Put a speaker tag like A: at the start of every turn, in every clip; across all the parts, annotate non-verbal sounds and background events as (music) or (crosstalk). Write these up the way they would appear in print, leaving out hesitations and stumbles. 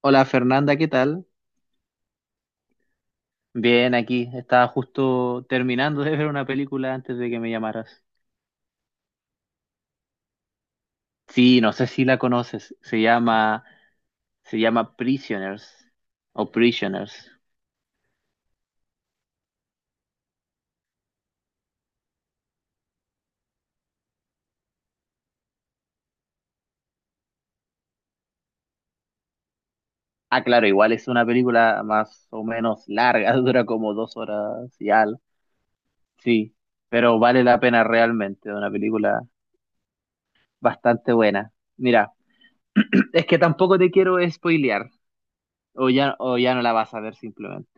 A: Hola Fernanda, ¿qué tal? Bien, aquí. Estaba justo terminando de ver una película antes de que me llamaras. Sí, no sé si la conoces. Se llama Prisoners o Prisoners. Ah, claro, igual es una película más o menos larga, (laughs) dura como 2 horas y al. Sí, pero vale la pena realmente, una película bastante buena. Mira, (clears throat) es que tampoco te quiero spoilear, o ya no la vas a ver simplemente.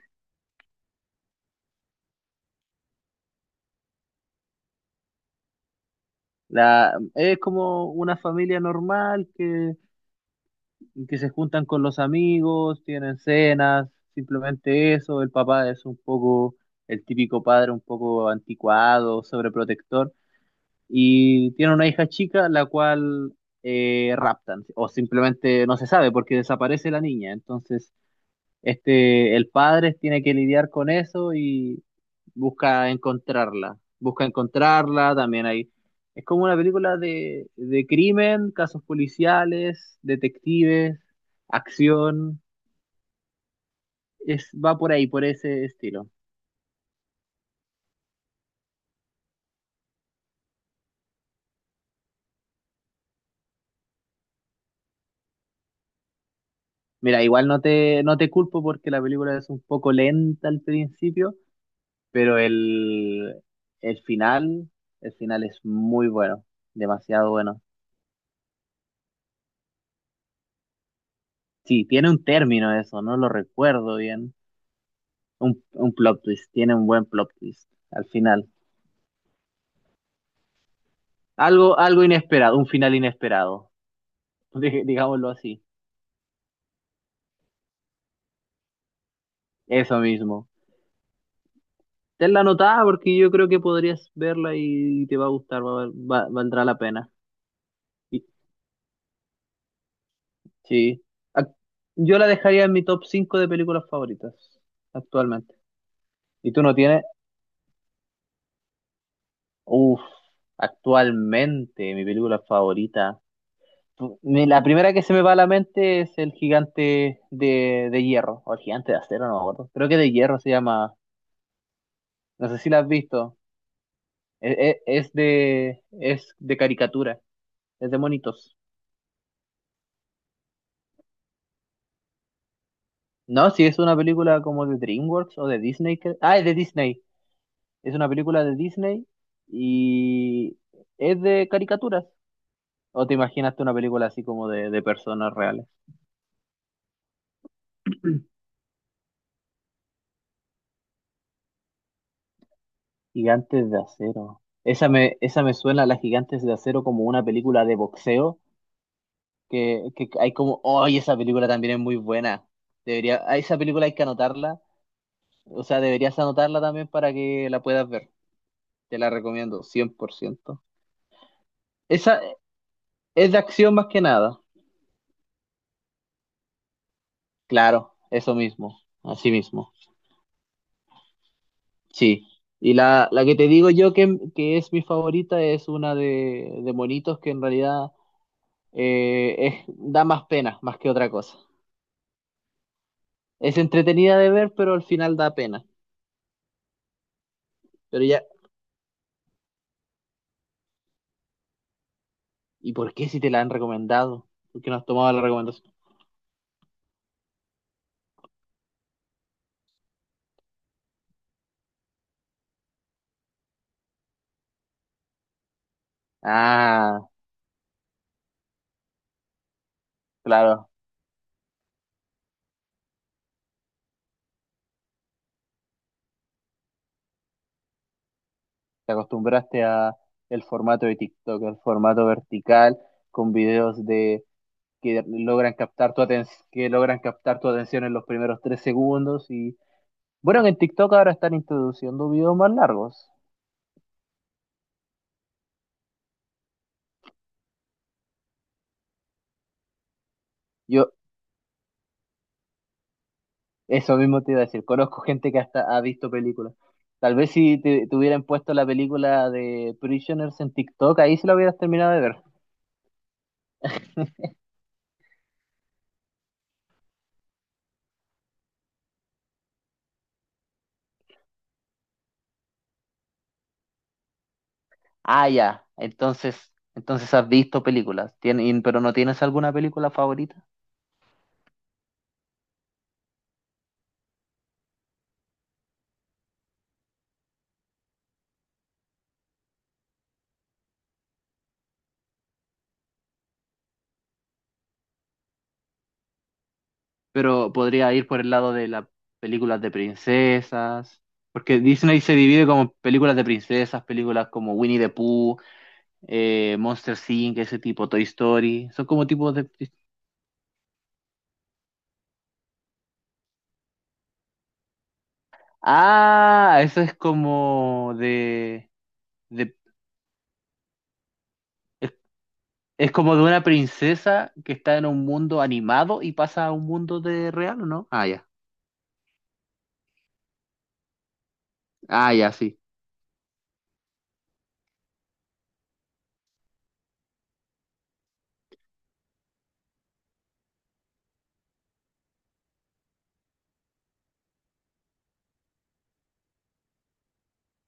A: La, es como una familia normal que y que se juntan con los amigos, tienen cenas, simplemente eso. El papá es un poco el típico padre, un poco anticuado, sobreprotector, y tiene una hija chica la cual raptan, o simplemente no se sabe porque desaparece la niña. Entonces este, el padre tiene que lidiar con eso y busca encontrarla. Busca encontrarla, también hay. Es como una película de crimen, casos policiales, detectives, acción. Es, va por ahí, por ese estilo. Mira, igual no te, no te culpo porque la película es un poco lenta al principio, pero el final, el final es muy bueno, demasiado bueno. Sí, tiene un término eso, no lo recuerdo bien. Un plot twist, tiene un buen plot twist al final. Algo, algo inesperado, un final inesperado, (laughs) digámoslo así. Eso mismo. Tenla anotada porque yo creo que podrías verla y te va a gustar, valdrá la pena. Y- Sí. Ac- Yo la dejaría en mi top 5 de películas favoritas actualmente. ¿Y tú no tienes? Uf, actualmente mi película favorita. La primera que se me va a la mente es el gigante de hierro, o el gigante de acero, no me acuerdo. Creo que de hierro se llama. No sé si la has visto. Es de caricatura, es de monitos. No, si es una película como de DreamWorks o de Disney. Ah, es de Disney. Es una película de Disney y es de caricaturas. ¿O te imaginaste una película así como de personas reales? Gigantes de acero. Esa me suena a las Gigantes de Acero como una película de boxeo que hay como, ¡ay, esa película también es muy buena! Debería, a esa película hay que anotarla, o sea, deberías anotarla también para que la puedas ver. Te la recomiendo, 100%. Esa es de acción más que nada. Claro, eso mismo, así mismo. Sí. Y la que te digo yo que es mi favorita es una de monitos que en realidad eh, es, da más pena, más que otra cosa. Es entretenida de ver, pero al final da pena. Pero ya, ¿y por qué si te la han recomendado? ¿Por qué no has tomado la recomendación? Ah, claro, te acostumbraste a el formato de TikTok, el formato vertical con videos de que logran captar tu atención, que logran captar tu atención en los primeros 3 segundos y bueno, en TikTok ahora están introduciendo videos más largos. Yo eso mismo te iba a decir, conozco gente que hasta ha visto películas. Tal vez si te, te hubieran puesto la película de Prisoners en TikTok, ahí se la hubieras terminado de ver. Ah, ya. Entonces, entonces has visto películas, pero no tienes alguna película favorita. Pero podría ir por el lado de las películas de princesas, porque Disney se divide como películas de princesas, películas como Winnie the Pooh, Monsters Inc., ese tipo, Toy Story, son como tipos de... Ah, eso es como de es, es como de una princesa que está en un mundo animado y pasa a un mundo de real, ¿o no? Ah, ya. Ah, ya, sí.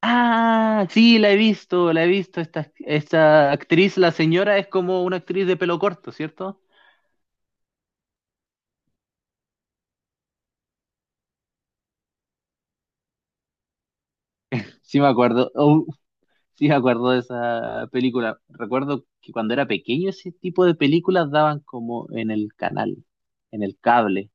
A: Ah, sí, la he visto, la he visto. Esta actriz, la señora, es como una actriz de pelo corto, ¿cierto? Sí me acuerdo, oh, sí me acuerdo de esa película. Recuerdo que cuando era pequeño ese tipo de películas daban como en el canal, en el cable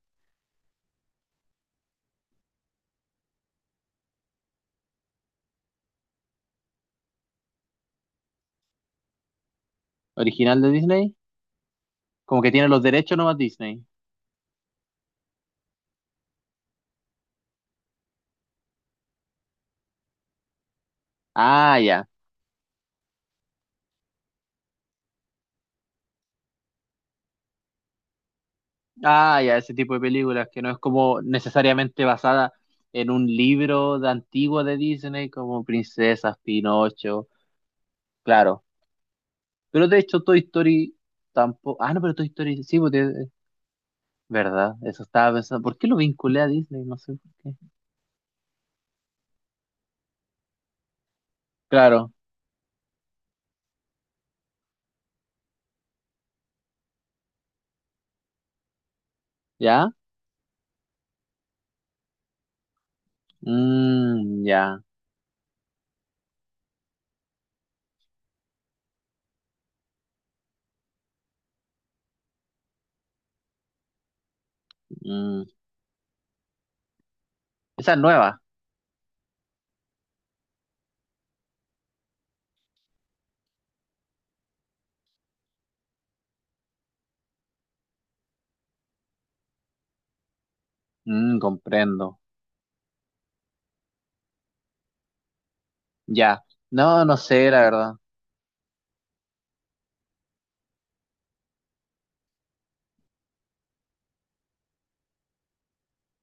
A: original de Disney, como que tiene los derechos nomás Disney. Ah, ya. Ah, ya, ese tipo de películas que no es como necesariamente basada en un libro de antiguo de Disney como Princesas, Pinocho. Claro. Pero de hecho, Toy Story tampoco. Ah, no, pero Toy Story sí, porque. Es verdad, eso estaba pensando. ¿Por qué lo vinculé a Disney? No sé por qué. Claro, ¿ya? Mm, ya. Mm. Esa es nueva. Mm, comprendo. Ya. No, no sé, la verdad.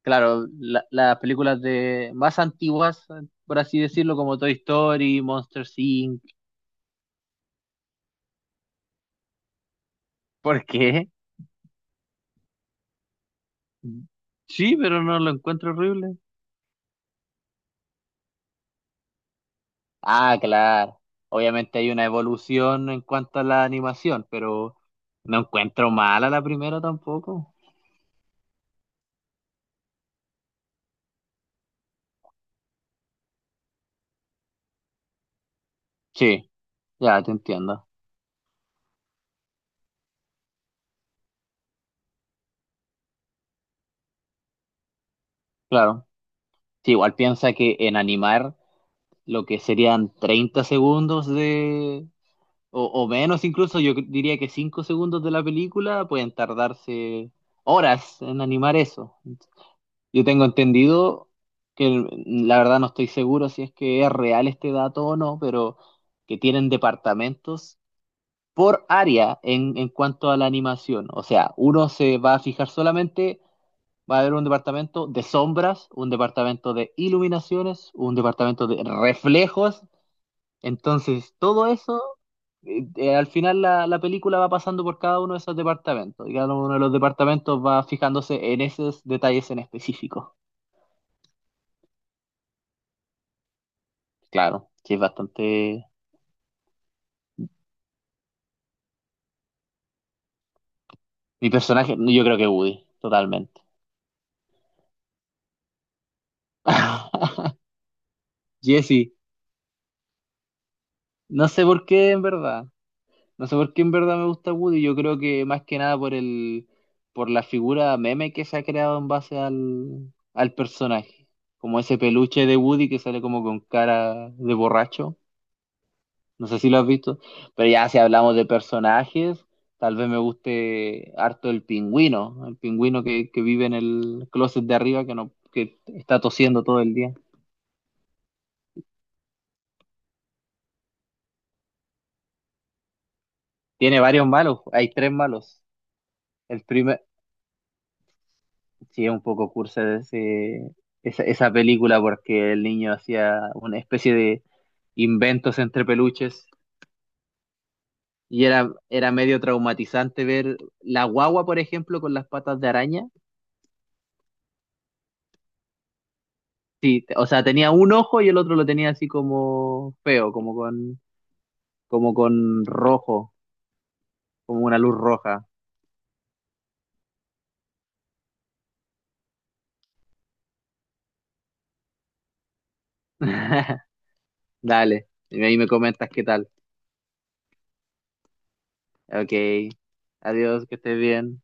A: Claro, las películas de más antiguas, por así decirlo, como Toy Story, Monsters Inc. ¿Por qué? Sí, pero no lo encuentro horrible. Ah, claro. Obviamente hay una evolución en cuanto a la animación, pero no encuentro mala la primera tampoco. Sí, ya te entiendo. Claro. Sí, igual piensa que en animar lo que serían 30 segundos de, o menos incluso, yo diría que 5 segundos de la película pueden tardarse horas en animar eso. Yo tengo entendido que, la verdad no estoy seguro si es que es real este dato o no, pero que tienen departamentos por área en cuanto a la animación. O sea, uno se va a fijar solamente, va a haber un departamento de sombras, un departamento de iluminaciones, un departamento de reflejos. Entonces, todo eso, al final la, la película va pasando por cada uno de esos departamentos. Y cada uno de los departamentos va fijándose en esos detalles en específico. Claro, que es bastante... Mi personaje, yo creo que Woody, totalmente. (laughs) Jesse, no sé por qué en verdad. No sé por qué en verdad me gusta Woody, yo creo que más que nada por el, por la figura meme que se ha creado en base al, al personaje. Como ese peluche de Woody que sale como con cara de borracho. No sé si lo has visto. Pero ya si hablamos de personajes, tal vez me guste harto el pingüino. El pingüino que vive en el closet de arriba que no, que está tosiendo todo el día. Tiene varios malos, hay tres malos. El primer Sí, es un poco cursa de esa, esa película porque el niño hacía una especie de inventos entre peluches y era, era medio traumatizante ver la guagua, por ejemplo, con las patas de araña. Sí, o sea, tenía un ojo y el otro lo tenía así como feo, como con rojo, como una luz roja. (laughs) Dale, y ahí me comentas qué tal. Ok, adiós, que estés bien.